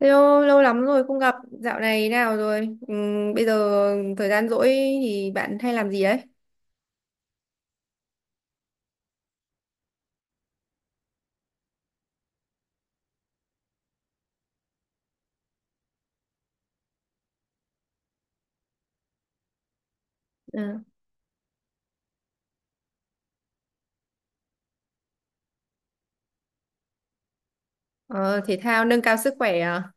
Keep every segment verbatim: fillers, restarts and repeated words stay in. Hello, lâu lắm rồi không gặp. Dạo này nào rồi? Ừm, bây giờ thời gian rỗi thì bạn hay làm gì đấy? Ờ. Ờ, thể thao nâng cao sức khỏe à?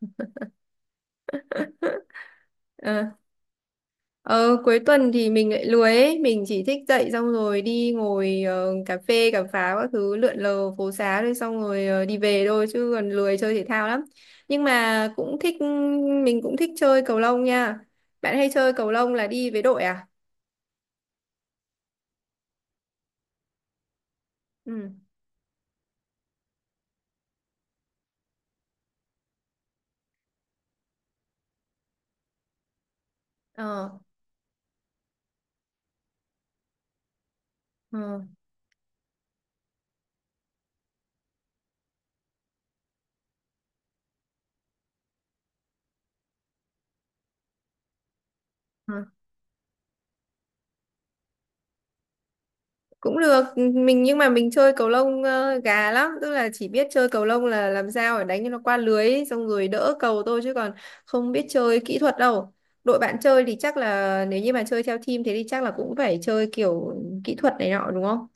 Ờ. Ờ, cuối tuần thì mình lại lười ấy. Mình chỉ thích dậy xong rồi đi ngồi ờ, cà phê, cà pháo các thứ lượn lờ phố xá rồi xong rồi ờ, đi về thôi chứ còn lười chơi thể thao lắm. Nhưng mà cũng thích, mình cũng thích chơi cầu lông nha. Bạn hay chơi cầu lông là đi với đội à? Ừ. Ờ. Ờ. Cũng được mình, nhưng mà mình chơi cầu lông ờ, gà lắm, tức là chỉ biết chơi cầu lông là làm sao để đánh cho nó qua lưới ấy, xong rồi đỡ cầu thôi chứ còn không biết chơi kỹ thuật đâu. Đội bạn chơi thì chắc là nếu như mà chơi theo team thế thì chắc là cũng phải chơi kiểu kỹ thuật này nọ, đúng không?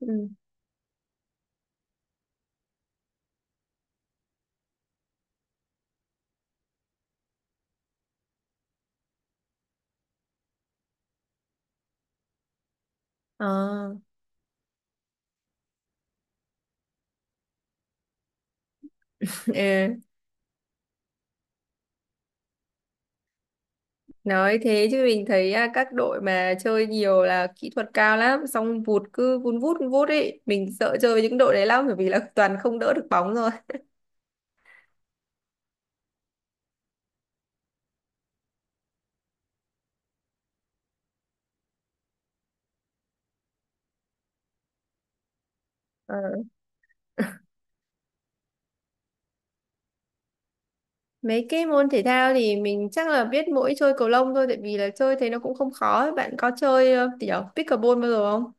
Ừ. Ờ. ờ, nói thế chứ mình thấy à, các đội mà chơi nhiều là kỹ thuật cao lắm xong vụt cứ vun vút vun vút ấy, mình sợ chơi với những đội đấy lắm bởi vì là toàn không đỡ được bóng rồi. Ờ. Mấy cái môn thể thao thì mình chắc là biết mỗi chơi cầu lông thôi tại vì là chơi thế nó cũng không khó ấy. Bạn có chơi ờ, kiểu pickleball bao giờ không?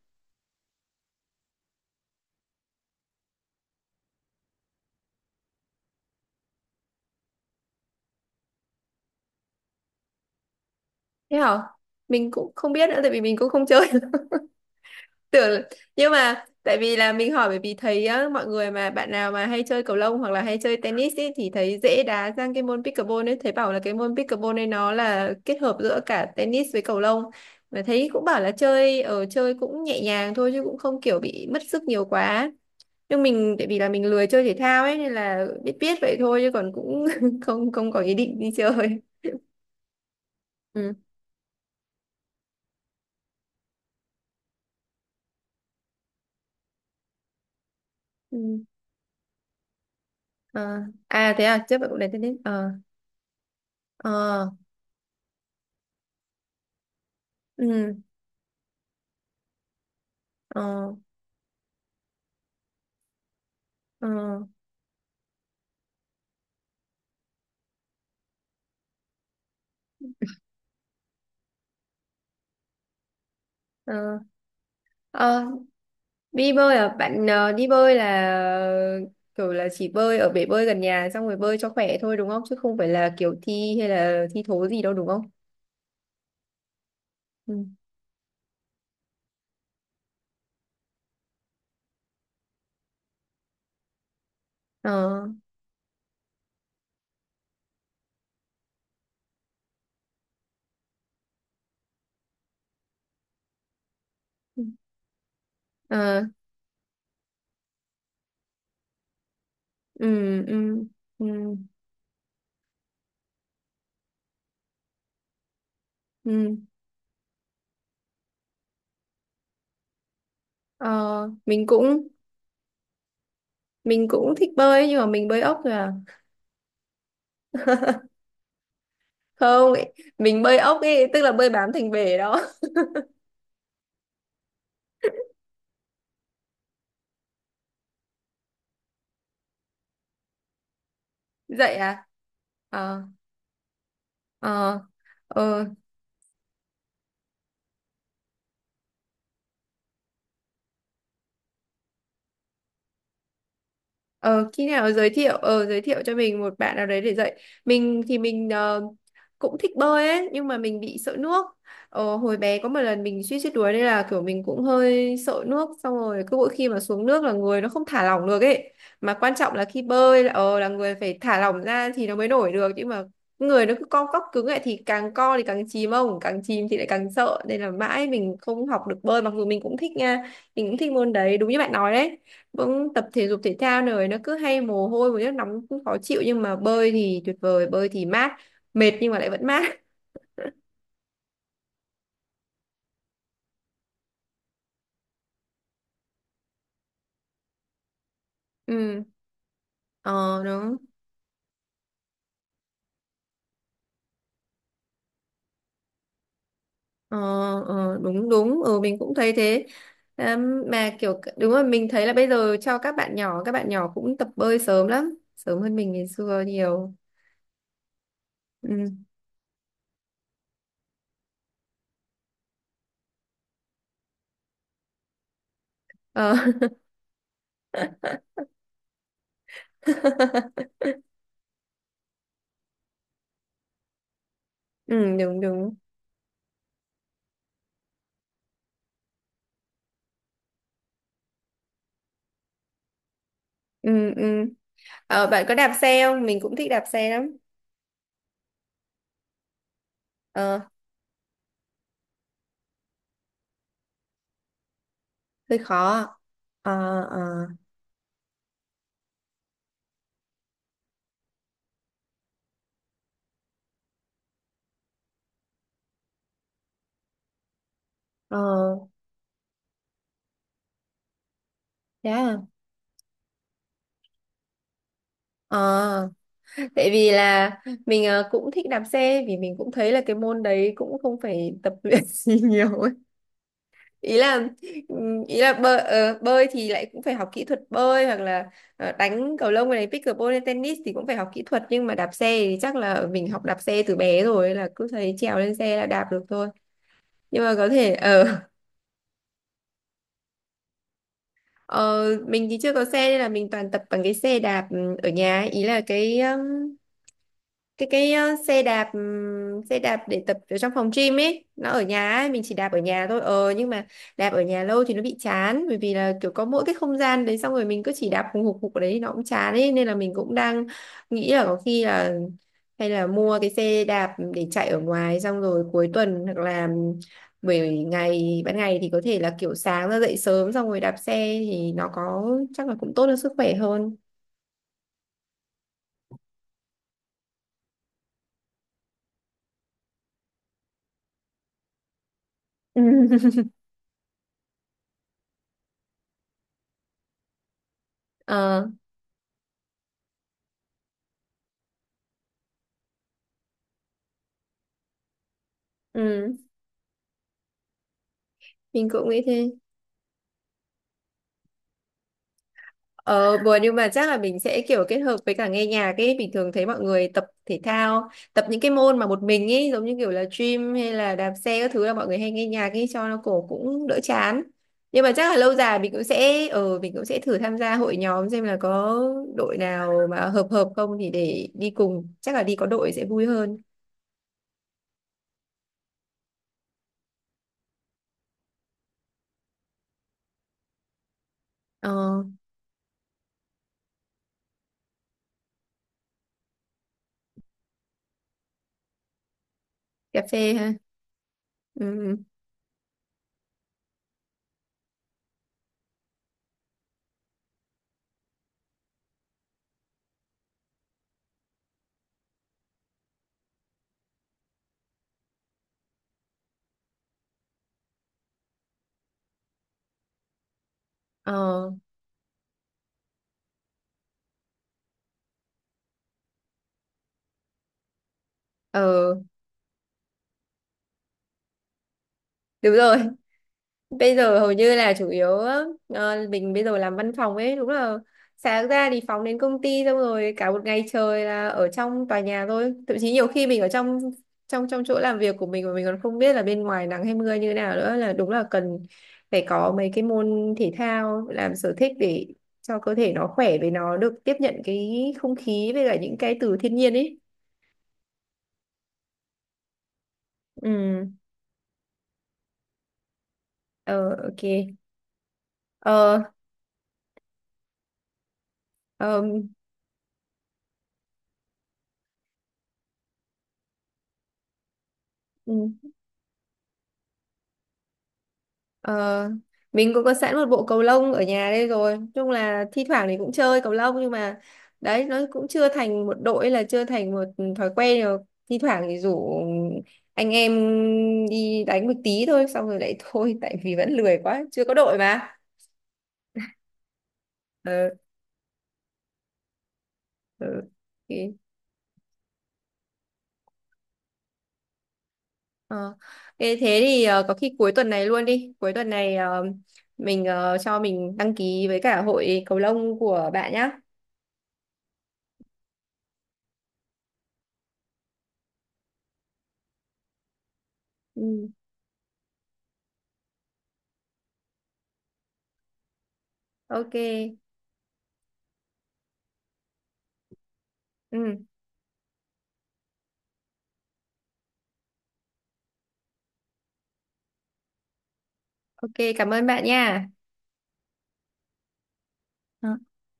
Thế hả? Mình cũng không biết nữa tại vì mình cũng không chơi. Tưởng là- nhưng mà tại vì là mình hỏi bởi vì thấy á, mọi người mà bạn nào mà hay chơi cầu lông hoặc là hay chơi tennis ý, thì thấy dễ đá sang cái môn pickleball ấy, thấy bảo là cái môn pickleball ấy nó là kết hợp giữa cả tennis với cầu lông. Mà thấy cũng bảo là chơi ở chơi cũng nhẹ nhàng thôi chứ cũng không kiểu bị mất sức nhiều quá, nhưng mình tại vì là mình lười chơi thể thao ấy nên là biết biết vậy thôi chứ còn cũng không không có ý định đi chơi. Ừ. Ừ. Ờ. À, thế à, trước bạn cũng đánh tennis. Ờ. Ờ. Ừ. Ờ. Ờ. Ờ. Ờ, đi bơi à bạn, ờ, đi bơi là kiểu là chỉ bơi ở bể bơi gần nhà xong rồi bơi cho khỏe thôi đúng không, chứ không phải là kiểu thi hay là thi thố gì đâu đúng không? Ừ. Ờ. Ờ. Ừ. Ừ. Ừ. Ừ. Ờ, mình cũng mình cũng thích bơi nhưng mà mình bơi ốc thôi à. Không, mình bơi ốc ấy, tức là bơi bám thành bể đó. Dậy à? Ờ. Ờ. Ờ. Ờ, khi nào giới thiệu, ờ, giới thiệu cho mình một bạn nào đấy để dạy mình thì mình ờ, cũng thích bơi ấy nhưng mà mình bị sợ nước. Ờ, hồi bé có một lần mình suýt chết đuối nên là kiểu mình cũng hơi sợ nước, xong rồi cứ mỗi khi mà xuống nước là người nó không thả lỏng được ấy, mà quan trọng là khi bơi là, ờ, là người phải thả lỏng ra thì nó mới nổi được. Nhưng mà người nó cứ co cóc cứng lại thì càng co thì càng chìm, ông càng chìm thì lại càng sợ, nên là mãi mình không học được bơi mặc dù mình cũng thích nha. Mình cũng thích môn đấy, đúng như bạn nói đấy, cũng tập thể dục thể thao này nó cứ hay mồ hôi một nước nóng cũng khó chịu, nhưng mà bơi thì tuyệt vời, bơi thì mát, mệt nhưng mà lại vẫn mát. Ừ. Ờ đúng. Ờ, ờ đúng đúng, ừ mình cũng thấy thế. Ừm, mà kiểu đúng rồi, mình thấy là bây giờ cho các bạn nhỏ các bạn nhỏ cũng tập bơi sớm lắm, sớm hơn mình ngày xưa nhiều. Ừ. Ờ. Ừ đúng đúng. Ừ. Ừ. Ờ, bạn có đạp xe không? Mình cũng thích đạp xe lắm. Ờ, hơi khó. Ờ. Ờ. Ờ, thế à? Ờ, tại vì là mình ờ, cũng thích đạp xe vì mình cũng thấy là cái môn đấy cũng không phải tập luyện gì nhiều ấy. Ý là ừm, ý là bơi, ờ, bơi thì lại cũng phải học kỹ thuật bơi hoặc là ờ, đánh cầu lông này pickleball hay tennis thì cũng phải học kỹ thuật, nhưng mà đạp xe thì chắc là mình học đạp xe từ bé rồi là cứ thấy trèo lên xe là đạp được thôi. Nhưng mà có thể ở— ờ, mình thì chưa có xe nên là mình toàn tập bằng cái xe đạp, ừ, ở nhà ấy. Ý là cái ừm, cái cái ờ, xe đạp ừm, xe đạp để tập ở trong phòng gym ấy, nó ở nhà ấy mình chỉ đạp ở nhà thôi, ờ nhưng mà đạp ở nhà lâu thì nó bị chán bởi vì là kiểu có mỗi cái không gian đấy, xong rồi mình cứ chỉ đạp hùng hục hục ở đấy thì nó cũng chán ấy, nên là mình cũng đang nghĩ là có khi là hay là mua cái xe đạp để chạy ở ngoài xong rồi cuối tuần hoặc là buổi ngày ban ngày thì có thể là kiểu sáng ra dậy sớm xong rồi đạp xe thì nó có chắc là cũng tốt cho sức khỏe hơn. Ờ. Ừ, mình cũng nghĩ thế. Ờ, buồn nhưng mà chắc là mình sẽ kiểu kết hợp với cả nghe nhạc ấy, bình thường thấy mọi người tập thể thao, tập những cái môn mà một mình ấy giống như kiểu là gym hay là đạp xe các thứ là mọi người hay nghe nhạc ấy cho nó cổ cũng đỡ chán. Nhưng mà chắc là lâu dài mình cũng sẽ ờ mình cũng sẽ thử tham gia hội nhóm xem là có đội nào mà hợp hợp không thì để đi cùng, chắc là đi có đội sẽ vui hơn. Ờ, cà phê ha. Ừ, ừ. Ờ, ờ đúng rồi, bây giờ hầu như là chủ yếu, ờ, mình bây giờ làm văn phòng ấy, đúng là sáng ra thì phóng đến công ty xong rồi cả một ngày trời là ở trong tòa nhà thôi, thậm chí nhiều khi mình ở trong trong trong chỗ làm việc của mình mà mình còn không biết là bên ngoài nắng hay mưa như nào nữa, là đúng là cần phải có mấy cái môn thể thao làm sở thích để cho cơ thể nó khỏe với nó được tiếp nhận cái không khí với cả những cái từ thiên nhiên ấy. Ừ. Ờ. OK. Ờ. Ờ, ừ. Ờ, mình cũng có sẵn một bộ cầu lông ở nhà đây rồi. Nói chung là thi thoảng thì cũng chơi cầu lông nhưng mà đấy, nó cũng chưa thành một đội hay là chưa thành một thói quen rồi. Thi thoảng thì rủ anh em đi đánh một tí thôi xong rồi lại thôi, tại vì vẫn lười quá, chưa có đội mà. Ờ, ờ, ok. Ờ, ê, thế thì ờ, có khi cuối tuần này luôn đi. Cuối tuần này ờ, mình ờ, cho mình đăng ký với cả hội cầu lông của bạn nhá. Ừ. OK. Ừ. OK, cảm ơn bạn nha. Ờ,